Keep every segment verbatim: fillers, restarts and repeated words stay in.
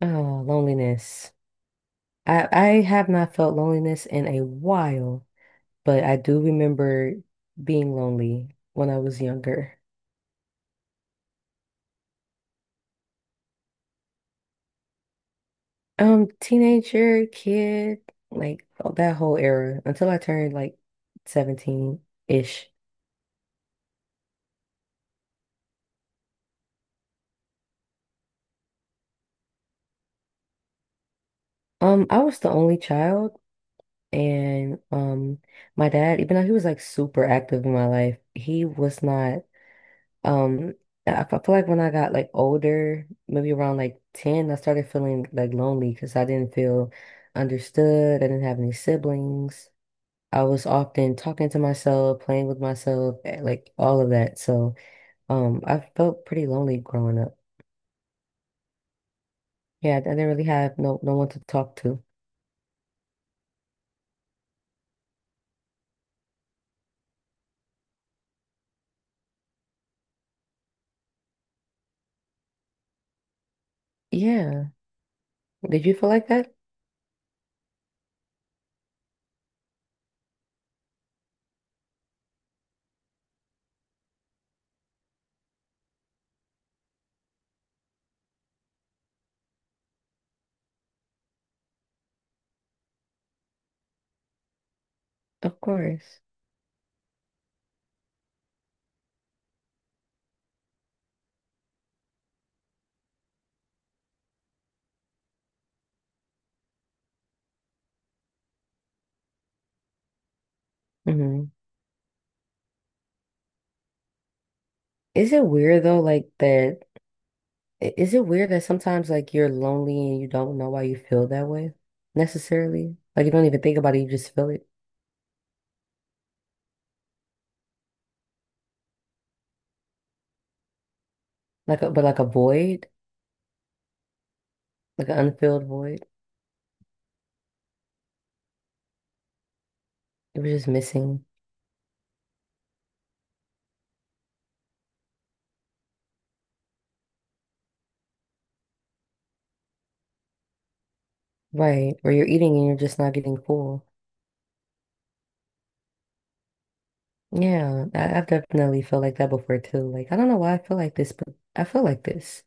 Oh, loneliness. I I have not felt loneliness in a while, but I do remember being lonely when I was younger. Um, teenager, kid, like oh, that whole era until I turned like seventeen-ish. Um, I was the only child and um my dad, even though he was like super active in my life, he was not. Um, I, I feel like when I got like older, maybe around like ten, I started feeling like lonely because I didn't feel understood. I didn't have any siblings. I was often talking to myself, playing with myself, eh, like all of that. So, um, I felt pretty lonely growing up. Yeah, I didn't really have no no one to talk to. Yeah. Did you feel like that? Of course. Hmm. Is it weird though, like that I- Is it weird that sometimes like you're lonely and you don't know why you feel that way necessarily? Like you don't even think about it, you just feel it. Like a, but like a void, like an unfilled void. You were just missing. Right. Or you're eating and you're just not getting full. Yeah, I, I've definitely felt like that before too. Like I don't know why I feel like this, but I feel like this.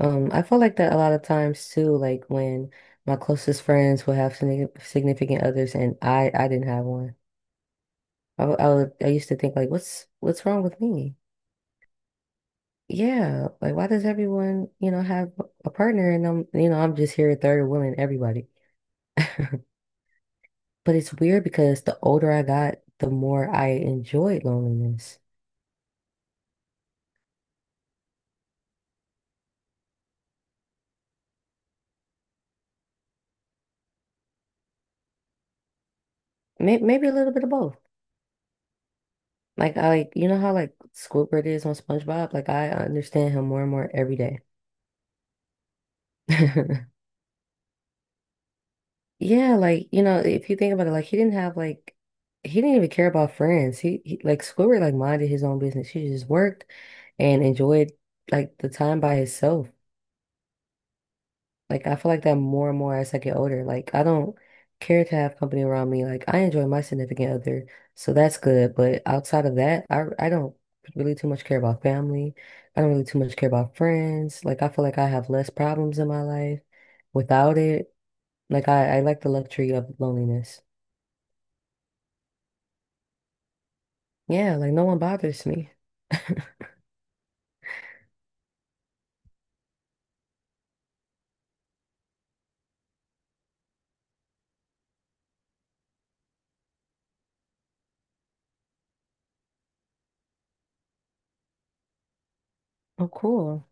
Um, I feel like that a lot of times too, like when my closest friends will have signi- significant others and I I didn't have one. I, would- I would, I used to think like, what's what's wrong with me? Yeah, like why does everyone, you know, have a partner and I'm, you know, I'm just here third wheeling everybody. But it's weird because the older I got, the more I enjoyed loneliness. May maybe a little bit of both. Like I like, you know how like Squidward is on SpongeBob? Like I understand him more and more every day. Yeah, like, you know, if you think about it, like he didn't have like he didn't even care about friends. He, he like Squidward like minded his own business. He just worked and enjoyed like the time by himself. Like I feel like that more and more as I get older. Like I don't care to have company around me. Like I enjoy my significant other, so that's good. But outside of that, I I don't really too much care about family. I don't really too much care about friends. Like I feel like I have less problems in my life without it. Like I, I like the luxury of loneliness. Yeah, like no one bothers me. Oh, cool.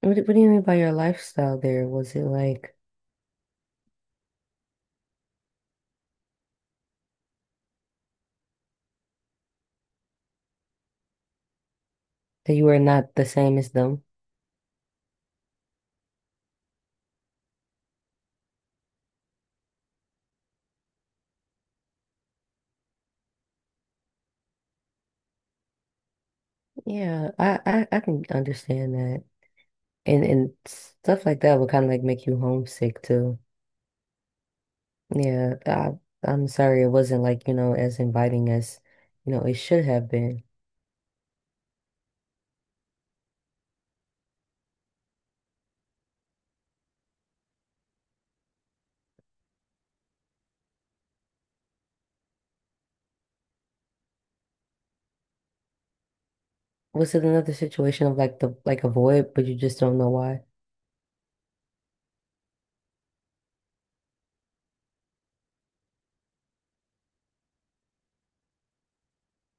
What, do- what do you mean by your lifestyle there? Was it like that you were not the same as them? Yeah, I, I, I can understand that. And and stuff like that would kind of like make you homesick too. Yeah, I, I'm sorry it wasn't like, you know, as inviting as, you know, it should have been. Was it another situation of like the like a void, but you just don't know why?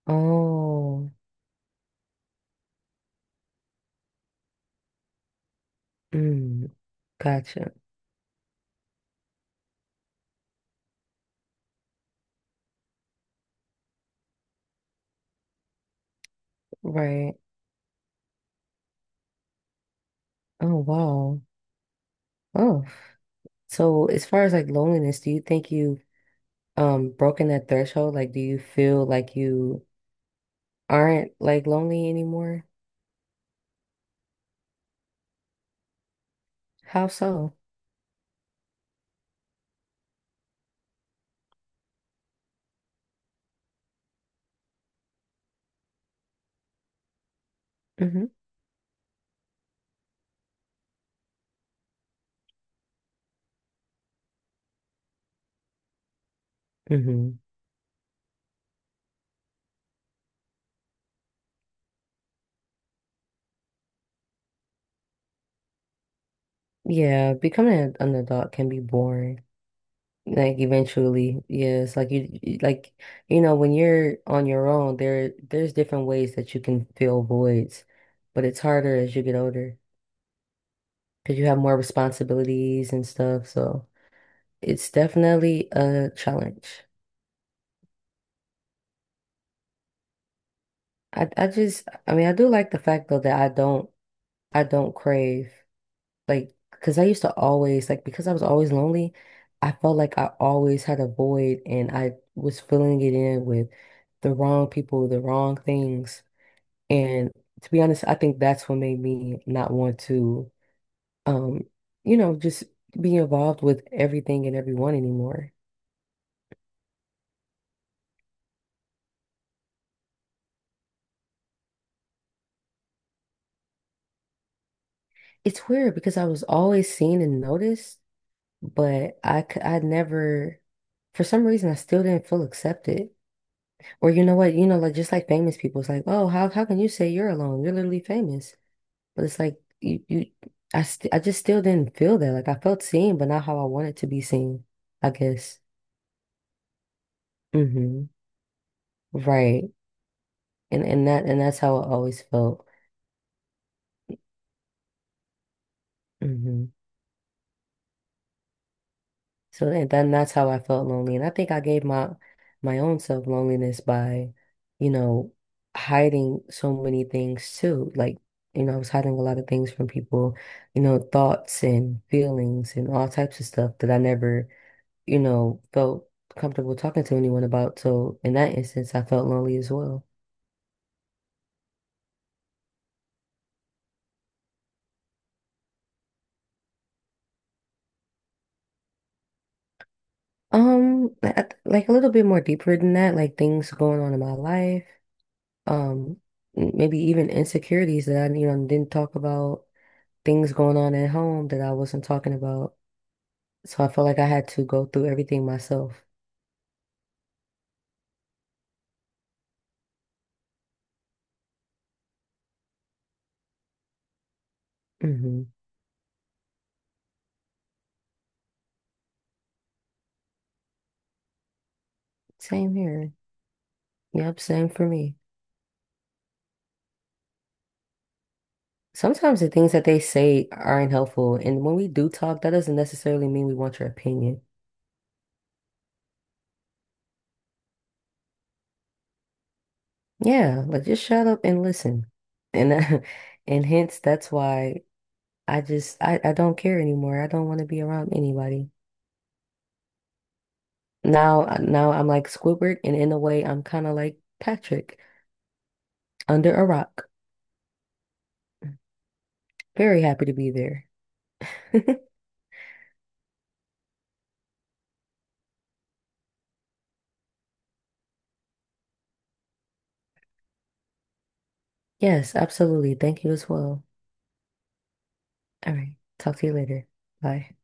Oh, mm, gotcha. Right. Oh, wow. Oh. So as far as like loneliness, do you think you um broken that threshold? Like, do you feel like you aren't like lonely anymore? How so? Mm-hmm. Yeah, becoming an an adult can be boring. Like eventually, yeah, it's like you, you- like you know when you're on your own, there there's different ways that you can fill voids, but it's harder as you get older because you have more responsibilities and stuff. So it's definitely a challenge. I I just I mean I do like the fact though that I don't I don't crave. Like, because I used to always, like, because I was always lonely, I felt like I always had a void and I was filling it in with the wrong people, the wrong things. And to be honest, I think that's what made me not want to, um, you know, just be involved with everything and everyone anymore. It's weird because I was always seen and noticed, but I, c- I never, for some reason, I still didn't feel accepted. Or you know what, you know, like just like famous people, it's like, oh, how how can you say you're alone? You're literally famous. But it's like you you I st I just still didn't feel that. Like I felt seen, but not how I wanted to be seen, I guess. Hmm. Right. And and that and that's how I always felt. Mhm. So then, then that's how I felt lonely. And I think I gave my my own self loneliness by, you know, hiding so many things too. Like, you know, I was hiding a lot of things from people, you know, thoughts and feelings and all types of stuff that I never, you know, felt comfortable talking to anyone about. So in that instance, I felt lonely as well. Um, I- I- like a little bit more deeper than that, like things going on in my life. Um, Maybe even insecurities that I, you know, didn't talk about, things going on at home that I wasn't talking about. So I felt like I had to go through everything myself. Hmm. Same here. Yep, same for me. Sometimes the things that they say aren't helpful, and when we do talk, that doesn't necessarily mean we want your opinion. Yeah, like just shut up and listen. And uh, and hence that's why I just I, I don't care anymore. I don't want to be around anybody. Now uh, now I'm like Squidward, and in a way I'm kind of like Patrick under a rock. Very happy to be there. Yes, absolutely. Thank you as well. All right. Talk to you later. Bye.